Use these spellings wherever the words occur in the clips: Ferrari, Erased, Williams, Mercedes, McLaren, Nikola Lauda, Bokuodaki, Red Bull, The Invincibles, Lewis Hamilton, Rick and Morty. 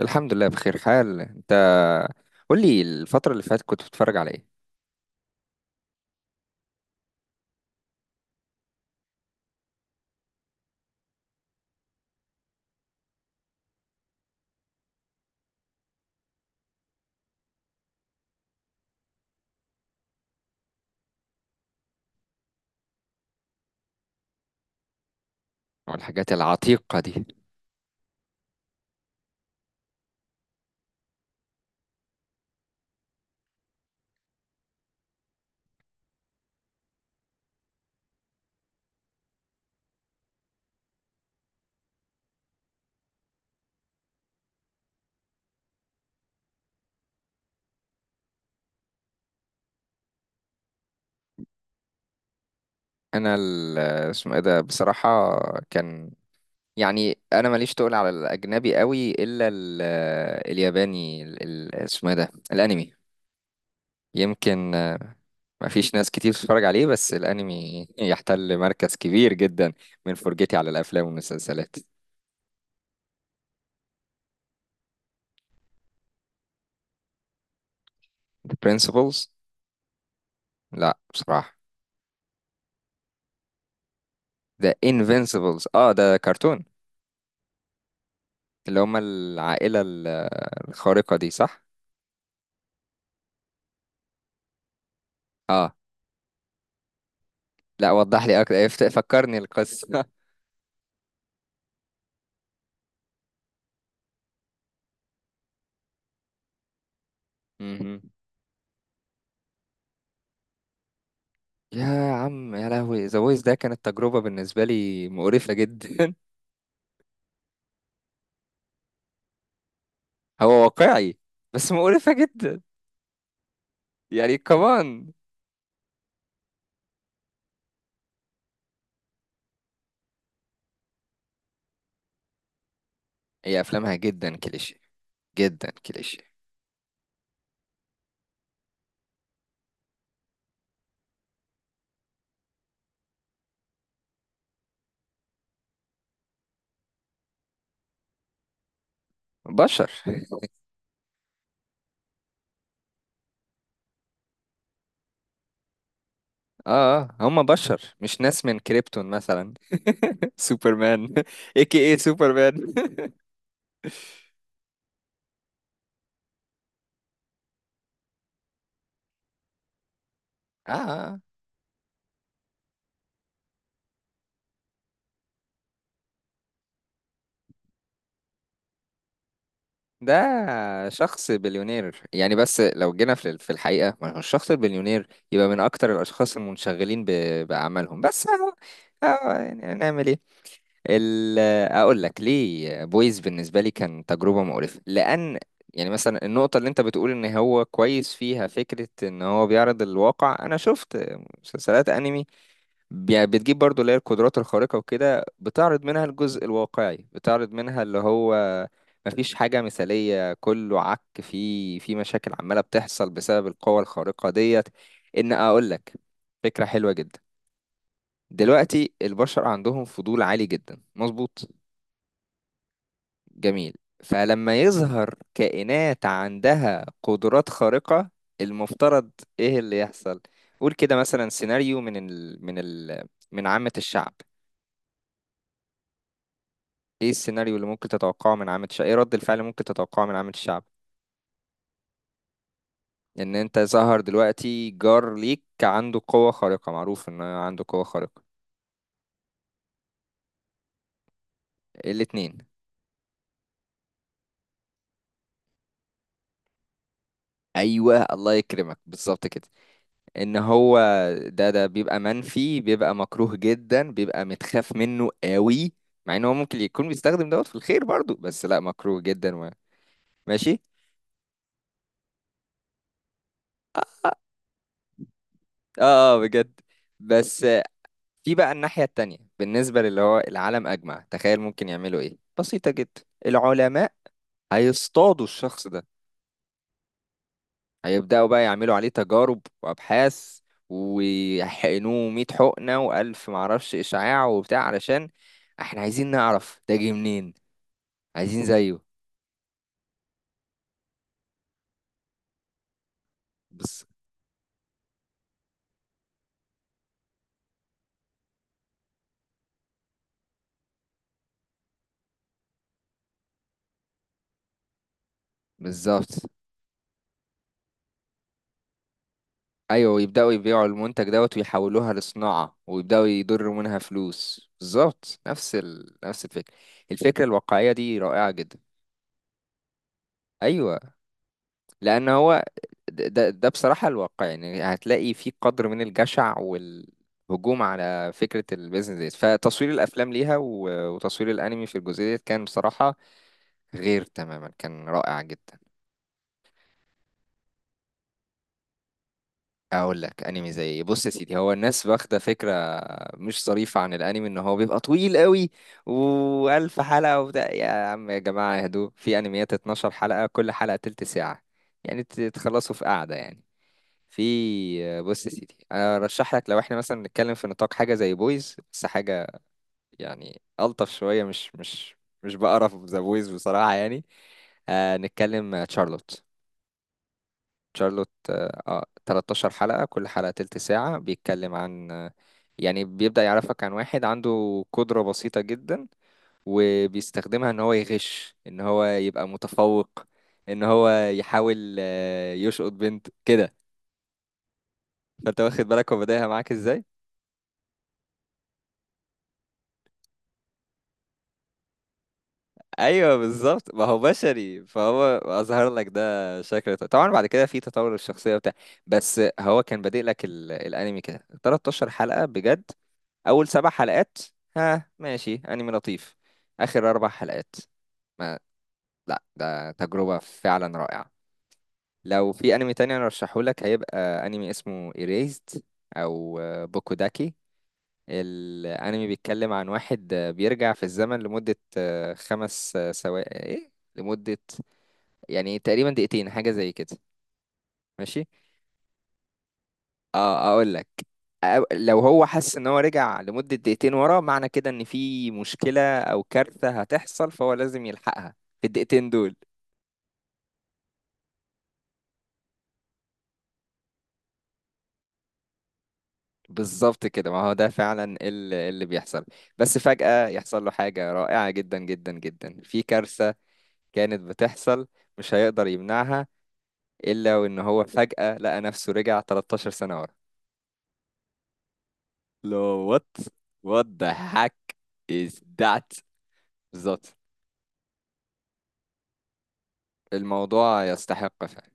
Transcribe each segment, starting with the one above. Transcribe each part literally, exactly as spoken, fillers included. الحمد لله، بخير. حال انت؟ قول لي، الفترة اللي فاتت كنت بتتفرج على ايه؟ والحاجات العتيقة دي. انا ال- اسمه ايه ده، بصراحة؟ كان، يعني، انا ماليش تقول على الاجنبي قوي الا ال- الياباني، ال- ال- اسمه ايه ده، الانمي. يمكن. آه، ما فيش ناس كتير بتتفرج عليه، بس الانمي يحتل مركز كبير جدا من فرجتي على الافلام والمسلسلات. The Principles. لا بصراحة. The Invincibles، اه ده كرتون، اللي هم العائلة الخارقة دي، صح؟ اه. لا، وضح لي اكتر. إيه، فت- فكرني القصة مهم. يا عم، يا لهوي، ذا فويس ده كانت تجربة بالنسبة لي مقرفة جدا. هو واقعي بس مقرفة جدا. يعني، كمان، هي افلامها جدا كليشيه، جدا كليشيه. بشر اه اه، هم بشر، مش ناس من كريبتون مثلا. سوبرمان اي كي اي سوبرمان اه، ده شخص بليونير يعني، بس لو جينا في في الحقيقة، ما هو الشخص البليونير يبقى من أكتر الأشخاص المنشغلين ب- بأعمالهم. بس أهو، أهو، يعني نعمل إيه؟ ال- أقول لك ليه بويز بالنسبة لي كان تجربة مقرفة. لأن، يعني، مثلا النقطة اللي أنت بتقول إن هو كويس فيها فكرة إن هو بيعرض الواقع، أنا شفت مسلسلات أنمي يعني بتجيب برضو اللي هي القدرات الخارقة وكده، بتعرض منها الجزء الواقعي، بتعرض منها اللي هو مفيش حاجة مثالية، كله عك، في في مشاكل عمالة بتحصل بسبب القوة الخارقة ديت. إن أقولك، فكرة حلوة جدا. دلوقتي البشر عندهم فضول عالي جدا، مظبوط. جميل. فلما يظهر كائنات عندها قدرات خارقة، المفترض إيه اللي يحصل؟ قول كده مثلا سيناريو من ال... من ال... من عامة الشعب. ايه السيناريو اللي ممكن تتوقعه من عامة الشعب؟ ايه رد الفعل اللي ممكن تتوقعه من عامة الشعب؟ ان انت ظهر دلوقتي جار ليك عنده قوة خارقة، معروف ان هو عنده قوة خارقة. الاتنين. ايوه، الله يكرمك، بالظبط كده. ان هو، ده ده بيبقى منفي، بيبقى مكروه جدا، بيبقى متخاف منه قوي. مع ان هو ممكن يكون بيستخدم دوت في الخير برضو، بس لا، مكروه جدا و... ماشي. اه، آه، بجد. بس في بقى الناحية التانية بالنسبة للي هو العالم أجمع، تخيل ممكن يعملوا إيه. بسيطة جدا، العلماء هيصطادوا الشخص ده، هيبدأوا بقى يعملوا عليه تجارب وأبحاث، ويحقنوه 100 حقنة وألف معرفش إشعاع وبتاع، علشان إحنا عايزين نعرف ده جه منين، عايزين زيه. بس. بالظبط. أيوة، ويبدأوا يبيعوا المنتج دوت ويحولوها لصناعة ويبدأوا يضروا منها فلوس، بالظبط نفس ال... نفس الفكرة. الفكرة الواقعية دي رائعة جدا. ايوه. لان هو، ده, ده ده بصراحه الواقع يعني. هتلاقي في قدر من الجشع والهجوم على فكره البيزنس ديت. فتصوير الافلام ليها و- وتصوير الانمي في الجزئيه ديت كان بصراحه غير تماما، كان رائع جدا. اقول لك انمي زي إيه؟ بص يا سيدي، هو الناس واخده فكره مش ظريفه عن الانمي ان هو بيبقى طويل قوي والف حلقه وبتاع. يا عم، يا جماعه، هدوء، في انميات 12 حلقه، كل حلقه تلت ساعه، يعني ت- تخلصوا في قعده يعني. في، بص يا سيدي، انا ارشح لك لو احنا مثلا نتكلم في نطاق حاجه زي بويز بس حاجه يعني الطف شويه. مش مش مش بقرف ذا بويز بصراحه يعني. آه نتكلم، آه، تشارلوت. تشارلوت، آه آه، 13 حلقه، كل حلقه تلت ساعه، بيتكلم عن، آه، يعني بيبدا يعرفك عن واحد عنده قدره بسيطه جدا، وبيستخدمها ان هو يغش، ان هو يبقى متفوق، ان هو يحاول آه، يشقط بنت كده. فانت واخد بالك هو بدايها معاك ازاي. ايوه بالظبط. ما هو بشري فهو اظهر لك ده شكل. طبعا بعد كده في تطور الشخصيه بتاع. بس هو كان بادئ لك ال... الانمي كده. 13 حلقه بجد، اول سبع حلقات، ها ماشي انمي لطيف. اخر اربع حلقات، ما، لا، ده تجربه فعلا رائعه. لو في انمي تاني انا ارشحه لك، هيبقى انمي اسمه Erased، او بوكوداكي. الانمي بيتكلم عن واحد بيرجع في الزمن لمده خمس، سوا ايه، لمدة، يعني تقريبا دقيقتين، حاجة زي كده. ماشي، اه اقول لك. أو- لو هو حس ان هو رجع لمدة دقيقتين ورا، معنى كده ان في مشكلة او كارثة هتحصل، فهو لازم يلحقها في الدقيقتين دول. بالظبط كده، ما هو ده فعلا ال- اللي بيحصل. بس فجأة يحصل له حاجة رائعة جدا جدا جدا، في كارثة كانت بتحصل، مش هيقدر يمنعها، الا وان هو فجأة لقى نفسه رجع 13 سنة ورا. لو، وات، وات ذا هاك، از ذات، بالظبط. الموضوع يستحق فعلا.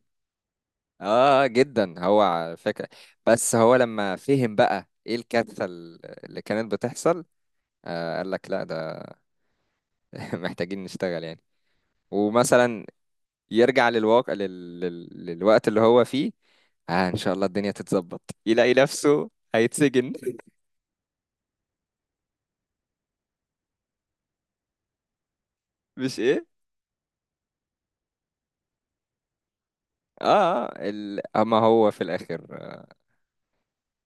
اه جدا، هو على فكرة. بس هو لما فهم بقى ايه الكارثة ال- اللي كانت بتحصل، آه، قال لك لا، ده محتاجين نشتغل يعني. ومثلا يرجع للواقع لل... لل... للوقت اللي هو فيه، آه ان شاء الله الدنيا تتظبط، يلاقي نفسه هيتسجن. مش ايه. اه, آه ال... اما هو في الاخر.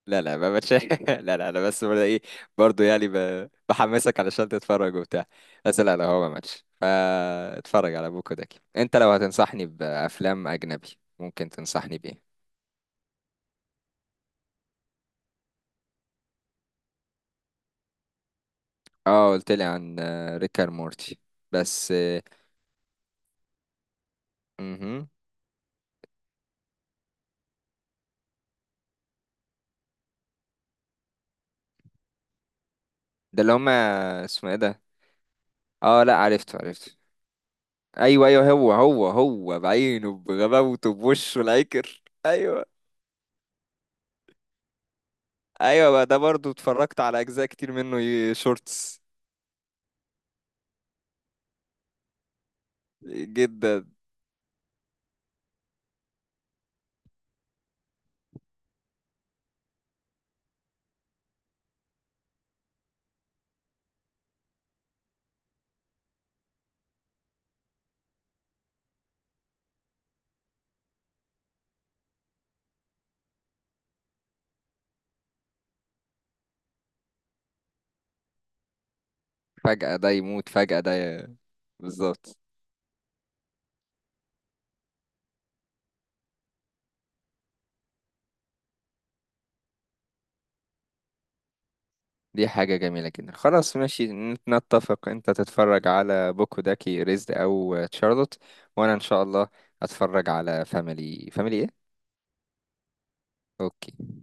لا لا، ما بتش... لا لا، انا بس برضه ايه، برضه يعني ب... بحمسك علشان تتفرج وبتاع. بس لا لا، هو ما ماتش، فاتفرج على بوكو داكي. انت لو هتنصحني بافلام اجنبي، ممكن تنصحني بايه؟ اه قلت لي عن ريكار مورتي. بس. امم. ده اللي هما اسمه ايه ده؟ اه لا، عرفته عرفته. ايوه ايوه، هو هو هو بعينه، بغباوته، بوشه العكر، ايوه. ايوه بقى، ده برضه اتفرجت على اجزاء كتير منه، ي- شورتس. جدا. فجأة ده يموت، فجأة ده ي- بالظبط. دي حاجة جميلة جدا. خلاص ماشي، نت- نتفق انت تتفرج على بوكوداكي ريزد او تشارلوت، وانا ان شاء الله اتفرج على فاميلي فاميلي ايه. اوكي.